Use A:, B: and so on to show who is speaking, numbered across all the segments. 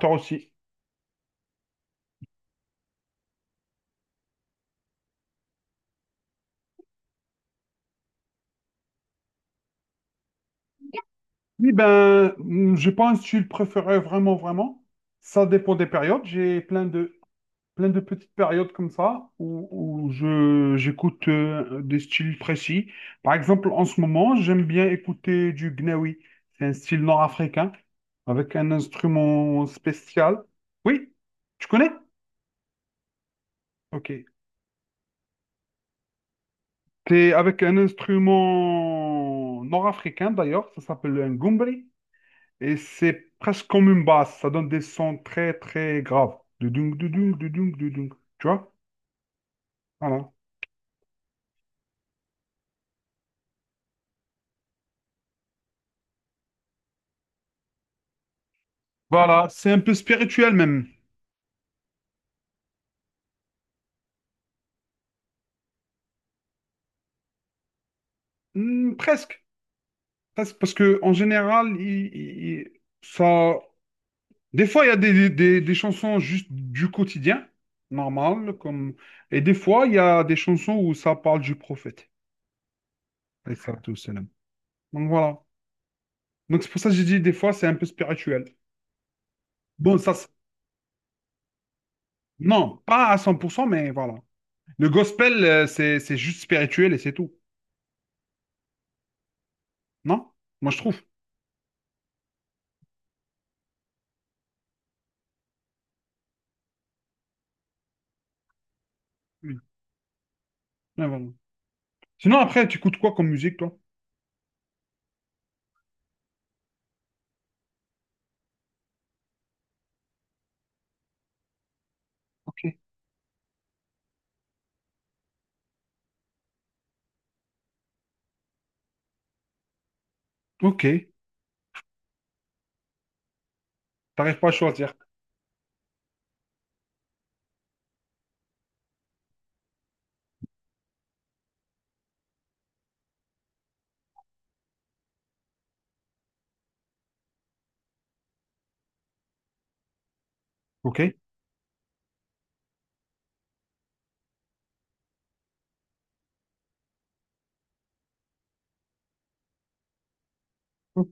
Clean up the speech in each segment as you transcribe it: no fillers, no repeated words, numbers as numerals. A: Toi aussi. Oui, ben, j'ai pas un style préféré vraiment. Ça dépend des périodes. Plein de petites périodes comme ça j'écoute des styles précis. Par exemple, en ce moment, j'aime bien écouter du gnawi. C'est un style nord-africain avec un instrument spécial. Oui, tu connais? Ok. C'est avec un instrument nord-africain d'ailleurs. Ça s'appelle un gumbri. Et c'est presque comme une basse. Ça donne des sons très graves. Dudung, dudung, dudung, dudung. Tu vois? Voilà. Voilà, c'est un peu spirituel même. Hmm, presque. Presque, parce que en général, ça... des fois, il y a des chansons juste du quotidien, normal, comme... Et des fois, il y a des chansons où ça parle du prophète. Alayhi salatu wassalam. Donc voilà. Donc c'est pour ça que j'ai dit, des fois, c'est un peu spirituel. Bon, ça... c'est- Non, pas à 100%, mais voilà. Le gospel, c'est juste spirituel et c'est tout. Non? Moi, je trouve. Oui. Ouais, voilà. Sinon, après, tu écoutes quoi comme musique, toi? Ok. Ok. T'arrives pas à choisir. Ok.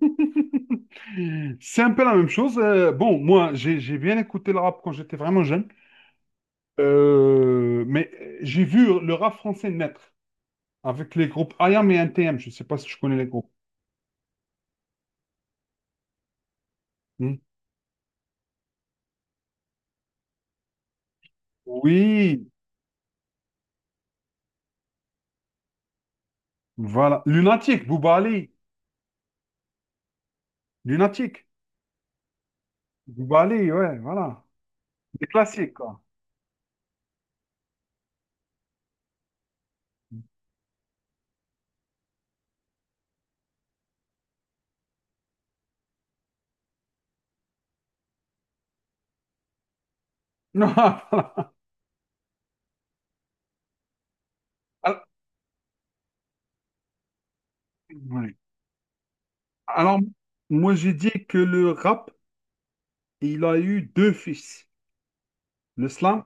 A: C'est un peu la même chose. Moi, j'ai bien écouté le rap quand j'étais vraiment jeune. Mais j'ai vu le rap français naître avec les groupes IAM et NTM. Je ne sais pas si tu connais les groupes. Hmm. Oui, voilà. Lunatique, Bouba Ali. Lunatique. Bouba Ali, ouais, voilà. Des classiques, quoi. Voilà. Alors, ouais. Alors, moi, j'ai dit que le rap, il a eu deux fils. Le slam,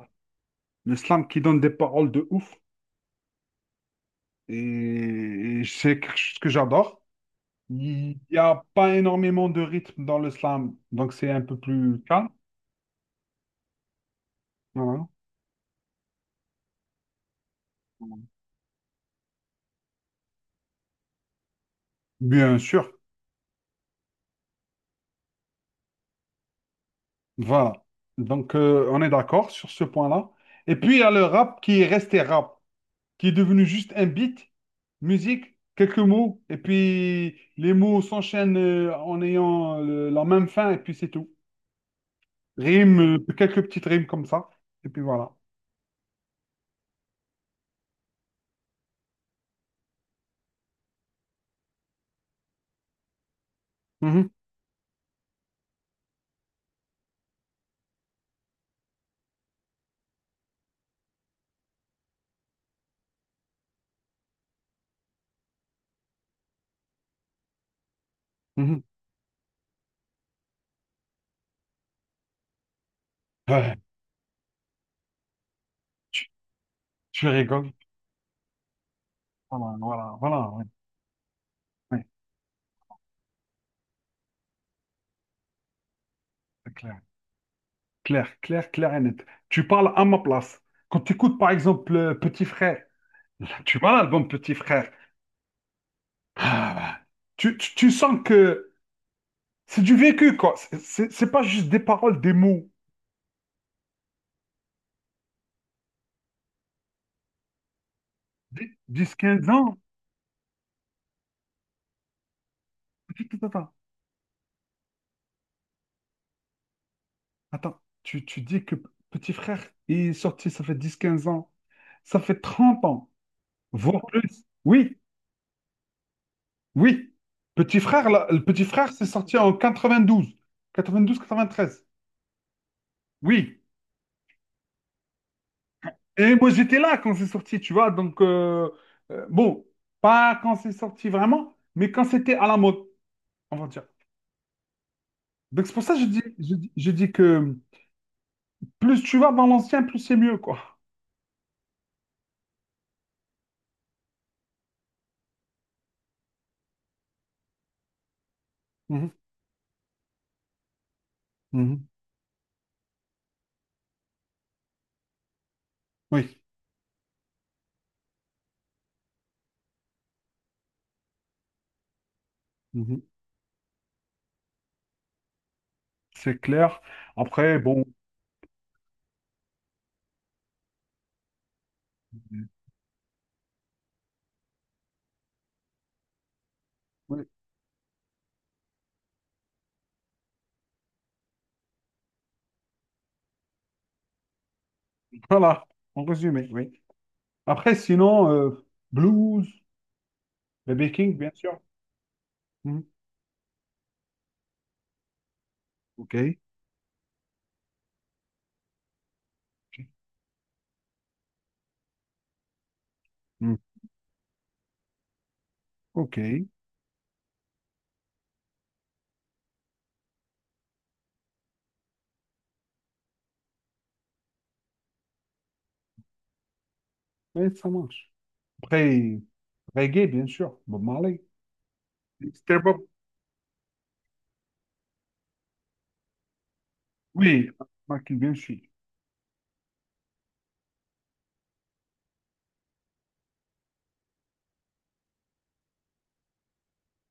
A: le slam qui donne des paroles de ouf, et c'est quelque chose que j'adore. Il n'y a pas énormément de rythme dans le slam, donc c'est un peu plus calme. Voilà. Bien sûr, voilà. Donc, on est d'accord sur ce point-là. Et puis, il y a le rap qui est resté rap, qui est devenu juste un beat, musique, quelques mots, et puis les mots s'enchaînent en ayant la même fin, et puis c'est tout. Rime, quelques petites rimes comme ça, et puis voilà. Mhm, mhm. Ouais, tu, tu rigoles. Voilà, ouais, ouais, c'est clair. Clair et net. Tu parles à ma place. Quand tu écoutes, par exemple, Petit Frère, tu vois l'album Petit Frère. Ah, bah, tu sens que c'est du vécu, quoi. C'est pas juste des paroles, des mots. 10 15 ans? Attends. Attends. Tu dis que petit frère il est sorti, ça fait 10 15 ans. Ça fait 30 ans, voire plus. Oui, oui. Petit frère, là, le petit frère, c'est sorti en quatre-vingt-douze quatre-vingt-treize. Oui. Et moi, j'étais là quand c'est sorti, tu vois. Donc, euh, bon, pas quand c'est sorti vraiment, mais quand c'était à la mode, on va dire. Donc, c'est pour ça que je dis, je dis que plus tu vas dans l'ancien, plus c'est mieux, quoi. Mhm, mhm. Oui. Mhm. C'est clair. Après, bon, oui, voilà, en résumé, oui. Après, sinon, blues, BB King, bien sûr. Mhm. OK. Mhm. OK. Oui, ça marche. Après, reggae, bien sûr. Bob Marley. C'était Bob. Oui, Michael, bien sûr.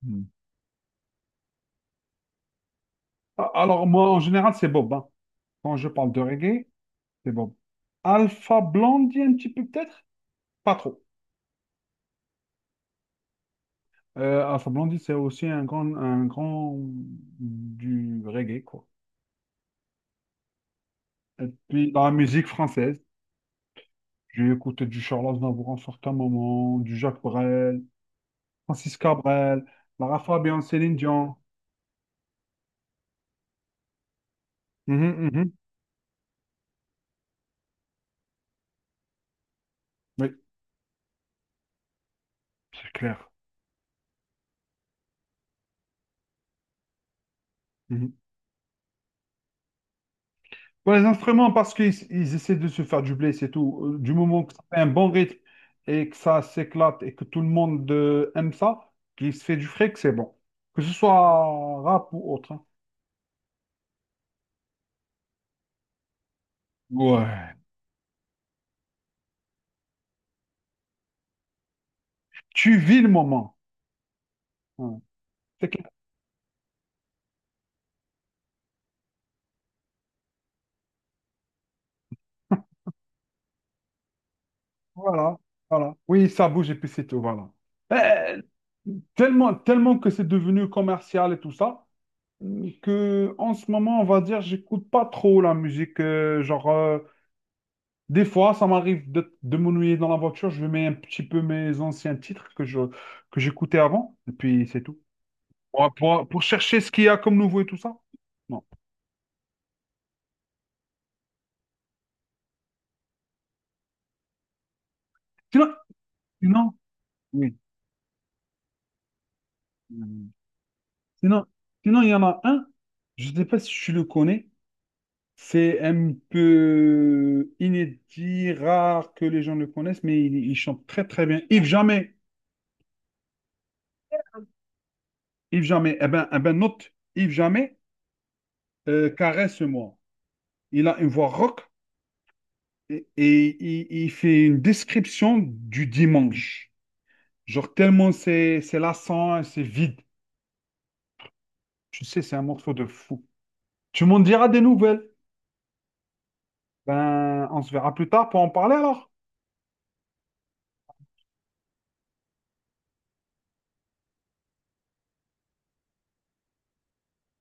A: Mhm. Ah, alors, moi, en général, c'est Bob, hein. Quand je parle de reggae, c'est Bob. Alpha Blondie, un petit peu peut-être? Pas trop. Alpha Blondie, c'est aussi un grand du reggae, quoi. Et puis, la musique française, j'ai écouté du Charles Aznavour en certains moments, du Jacques Brel, Francis Cabrel, Lara Fabian, Céline Dion. Mhm, mhm. Oui, c'est clair. Mhm. Pour les instruments, parce qu'ils essaient de se faire du blé, c'est tout. Du moment que ça fait un bon rythme et que ça s'éclate et que tout le monde aime ça, qu'il se fait du fric, c'est bon. Que ce soit rap ou autre, hein. Ouais. Tu vis le moment. Ouais. C'est Voilà, voilà. Oui, ça bouge et puis c'est tout, voilà. Euh, tellement que c'est devenu commercial et tout ça, que en ce moment, on va dire, j'écoute pas trop la musique. Des fois, ça m'arrive de m'ennuyer dans la voiture, je mets un petit peu mes anciens titres que j'écoutais avant, et puis c'est tout. Pour chercher ce qu'il y a comme nouveau et tout ça. Non. Sinon, sinon, oui. Sinon, il y en a un, je ne sais pas si tu le connais. C'est un peu inédit, rare que les gens le connaissent, mais il chante très bien. Yves Jamais, Yves Jamais, eh ben note, Yves Jamais, caresse-moi. Il a une voix rock et il fait une description du dimanche. Genre tellement c'est lassant, c'est vide. Tu sais, c'est un morceau de fou. Tu m'en diras des nouvelles. Ben, on se verra plus tard pour en parler alors.